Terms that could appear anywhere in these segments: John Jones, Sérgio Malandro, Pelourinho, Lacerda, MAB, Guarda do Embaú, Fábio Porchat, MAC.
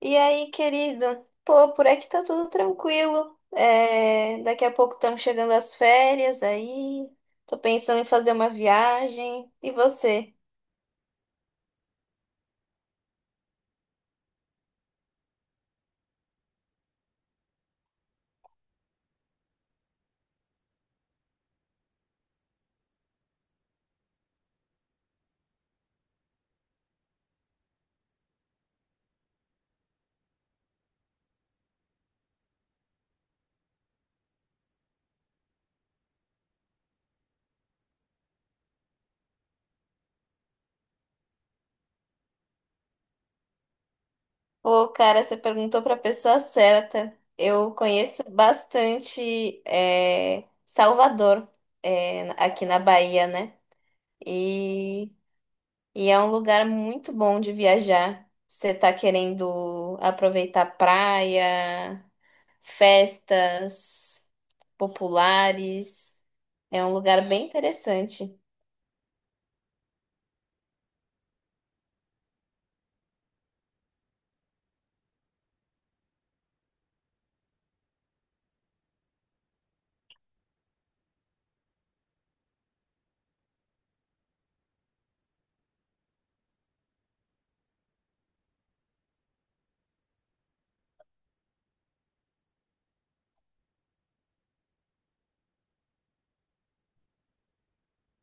E aí, querido? Pô, por aqui tá tudo tranquilo. É, daqui a pouco estamos chegando às férias aí. Tô pensando em fazer uma viagem. E você? Pô, cara, você perguntou pra pessoa certa. Eu conheço bastante Salvador, aqui na Bahia, né? E, e é um lugar muito bom de viajar. Você tá querendo aproveitar a praia? Festas populares. É um lugar bem interessante.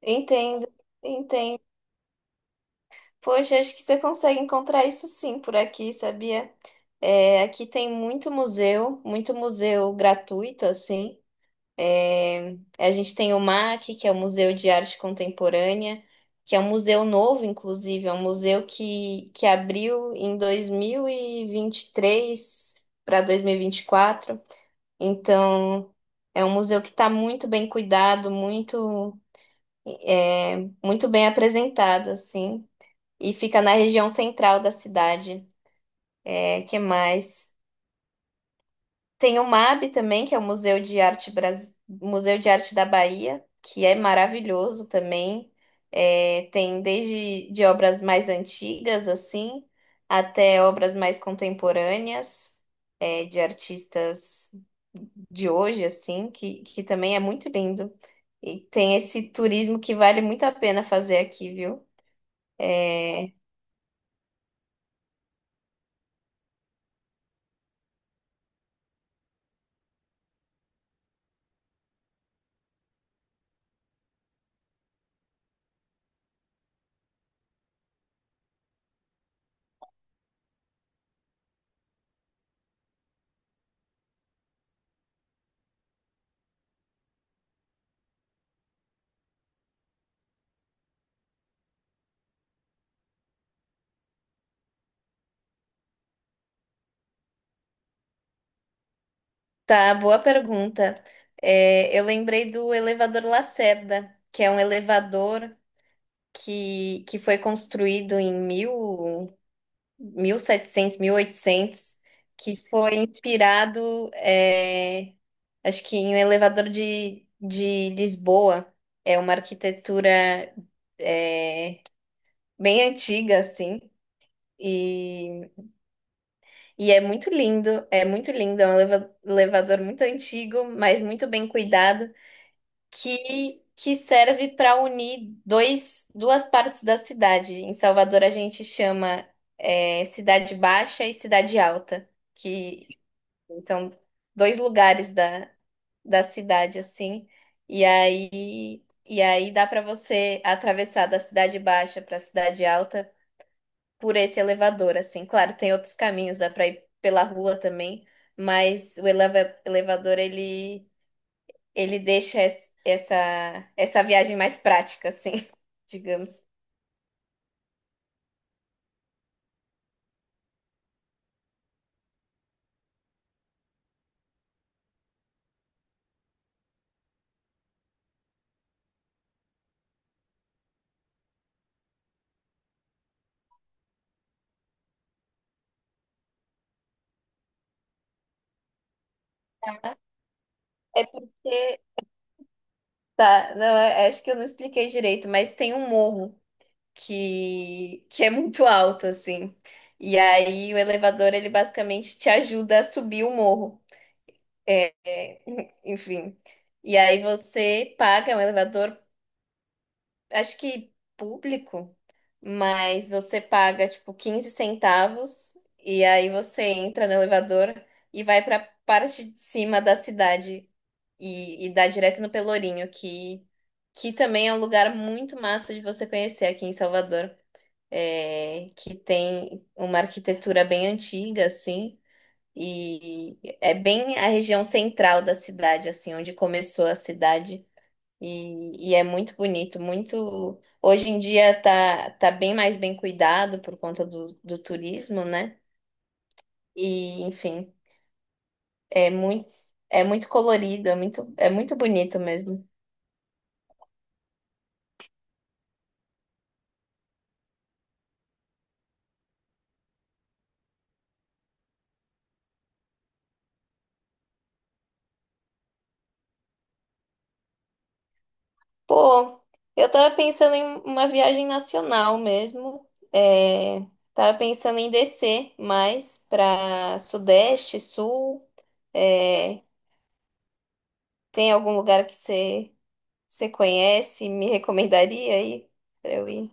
Entendo, entendo. Poxa, acho que você consegue encontrar isso sim por aqui, sabia? É, aqui tem muito museu gratuito, assim. É, a gente tem o MAC, que é o Museu de Arte Contemporânea, que é um museu novo, inclusive, é um museu que abriu em 2023 para dois mil e vinte e quatro. Então, é um museu que está muito bem cuidado, muito, é, muito bem apresentado, assim, e fica na região central da cidade. É, que mais? Tem o MAB também, que é o Museu de Arte Bras... Museu de Arte da Bahia, que é maravilhoso também. É, tem desde de obras mais antigas, assim, até obras mais contemporâneas, de artistas de hoje, assim, que também é muito lindo. E tem esse turismo que vale muito a pena fazer aqui, viu? É. Tá, boa pergunta. É, eu lembrei do elevador Lacerda, que é um elevador que foi construído em 1000, 1700, 800, que foi inspirado, acho que em um elevador de Lisboa. É uma arquitetura, é, bem antiga, assim. E E é muito lindo, é muito lindo, é um elevador muito antigo, mas muito bem cuidado, que serve para unir dois, duas partes da cidade. Em Salvador a gente chama Cidade Baixa e Cidade Alta, que são dois lugares da cidade, assim. E aí dá para você atravessar da Cidade Baixa para a Cidade Alta por esse elevador, assim. Claro, tem outros caminhos, dá para ir pela rua também, mas o elevador ele deixa essa viagem mais prática, assim, digamos. É porque tá, não, é- é, acho que eu não expliquei direito, mas tem um morro que é muito alto, assim. E aí o elevador ele basicamente te ajuda a subir o morro. É, enfim. E aí você paga um elevador acho que público, mas você paga tipo 15 centavos e aí você entra no elevador e vai para parte de cima da cidade e dá direto no Pelourinho, que também é um lugar muito massa de você conhecer aqui em Salvador, que tem uma arquitetura bem antiga assim. E é bem a região central da cidade, assim, onde começou a cidade. E é muito bonito, muito. Hoje em dia tá bem mais bem cuidado por conta do turismo, né? E, enfim, é muito, é muito colorido, é muito bonito mesmo. Pô, eu tava pensando em uma viagem nacional mesmo. É, tava pensando em descer mais pra Sudeste, Sul. É, tem algum lugar que você conhece e me recomendaria aí pra eu ir?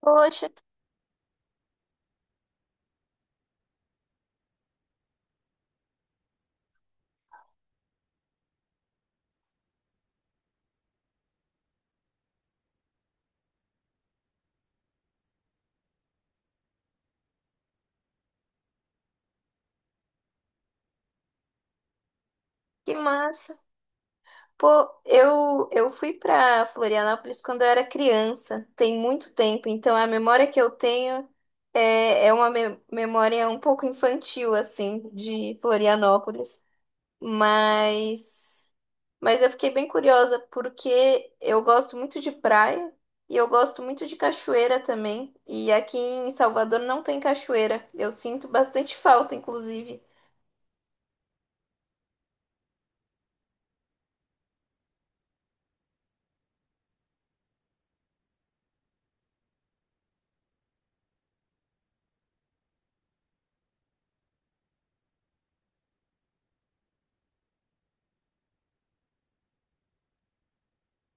Poxa. Que massa. Pô, eu fui pra Florianópolis quando eu era criança, tem muito tempo, então a memória que eu tenho é uma memória um pouco infantil, assim, de Florianópolis. Mas, mas eu fiquei bem curiosa porque eu gosto muito de praia e eu gosto muito de cachoeira também. E aqui em Salvador não tem cachoeira. Eu sinto bastante falta, inclusive.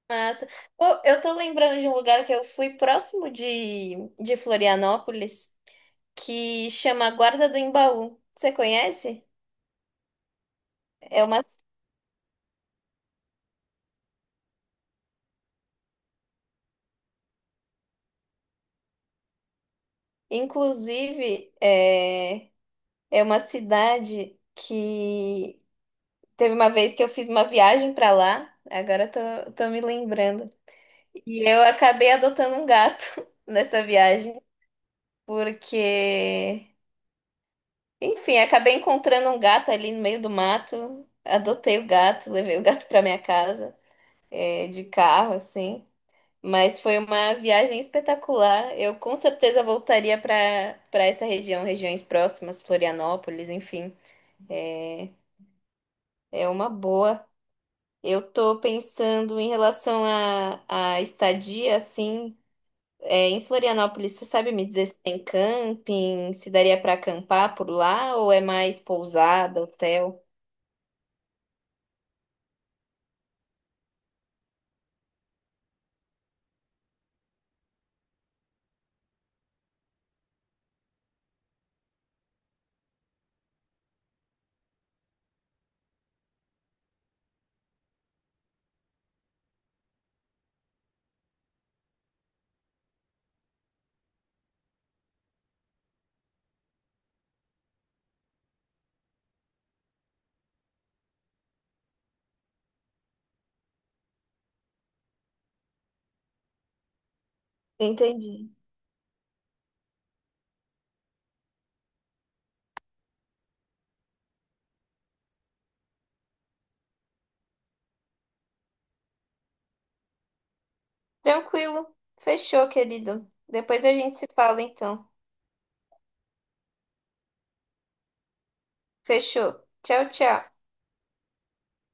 Massa. Pô, eu tô lembrando de um lugar que eu fui próximo de Florianópolis, que chama Guarda do Embaú. Você conhece? É uma, inclusive, é uma cidade que teve uma vez que eu fiz uma viagem pra lá, agora tô me lembrando. E eu acabei adotando um gato nessa viagem, porque enfim, acabei encontrando um gato ali no meio do mato. Adotei o gato, levei o gato para minha casa, de carro, assim. Mas foi uma viagem espetacular. Eu com certeza voltaria para essa região, regiões próximas, Florianópolis, enfim. É, é uma boa. Eu tô pensando em relação à estadia, assim, em Florianópolis. Você sabe me dizer se tem camping, se daria para acampar por lá ou é mais pousada, hotel? Entendi. Tranquilo. Fechou, querido. Depois a gente se fala, então. Fechou. Tchau, tchau.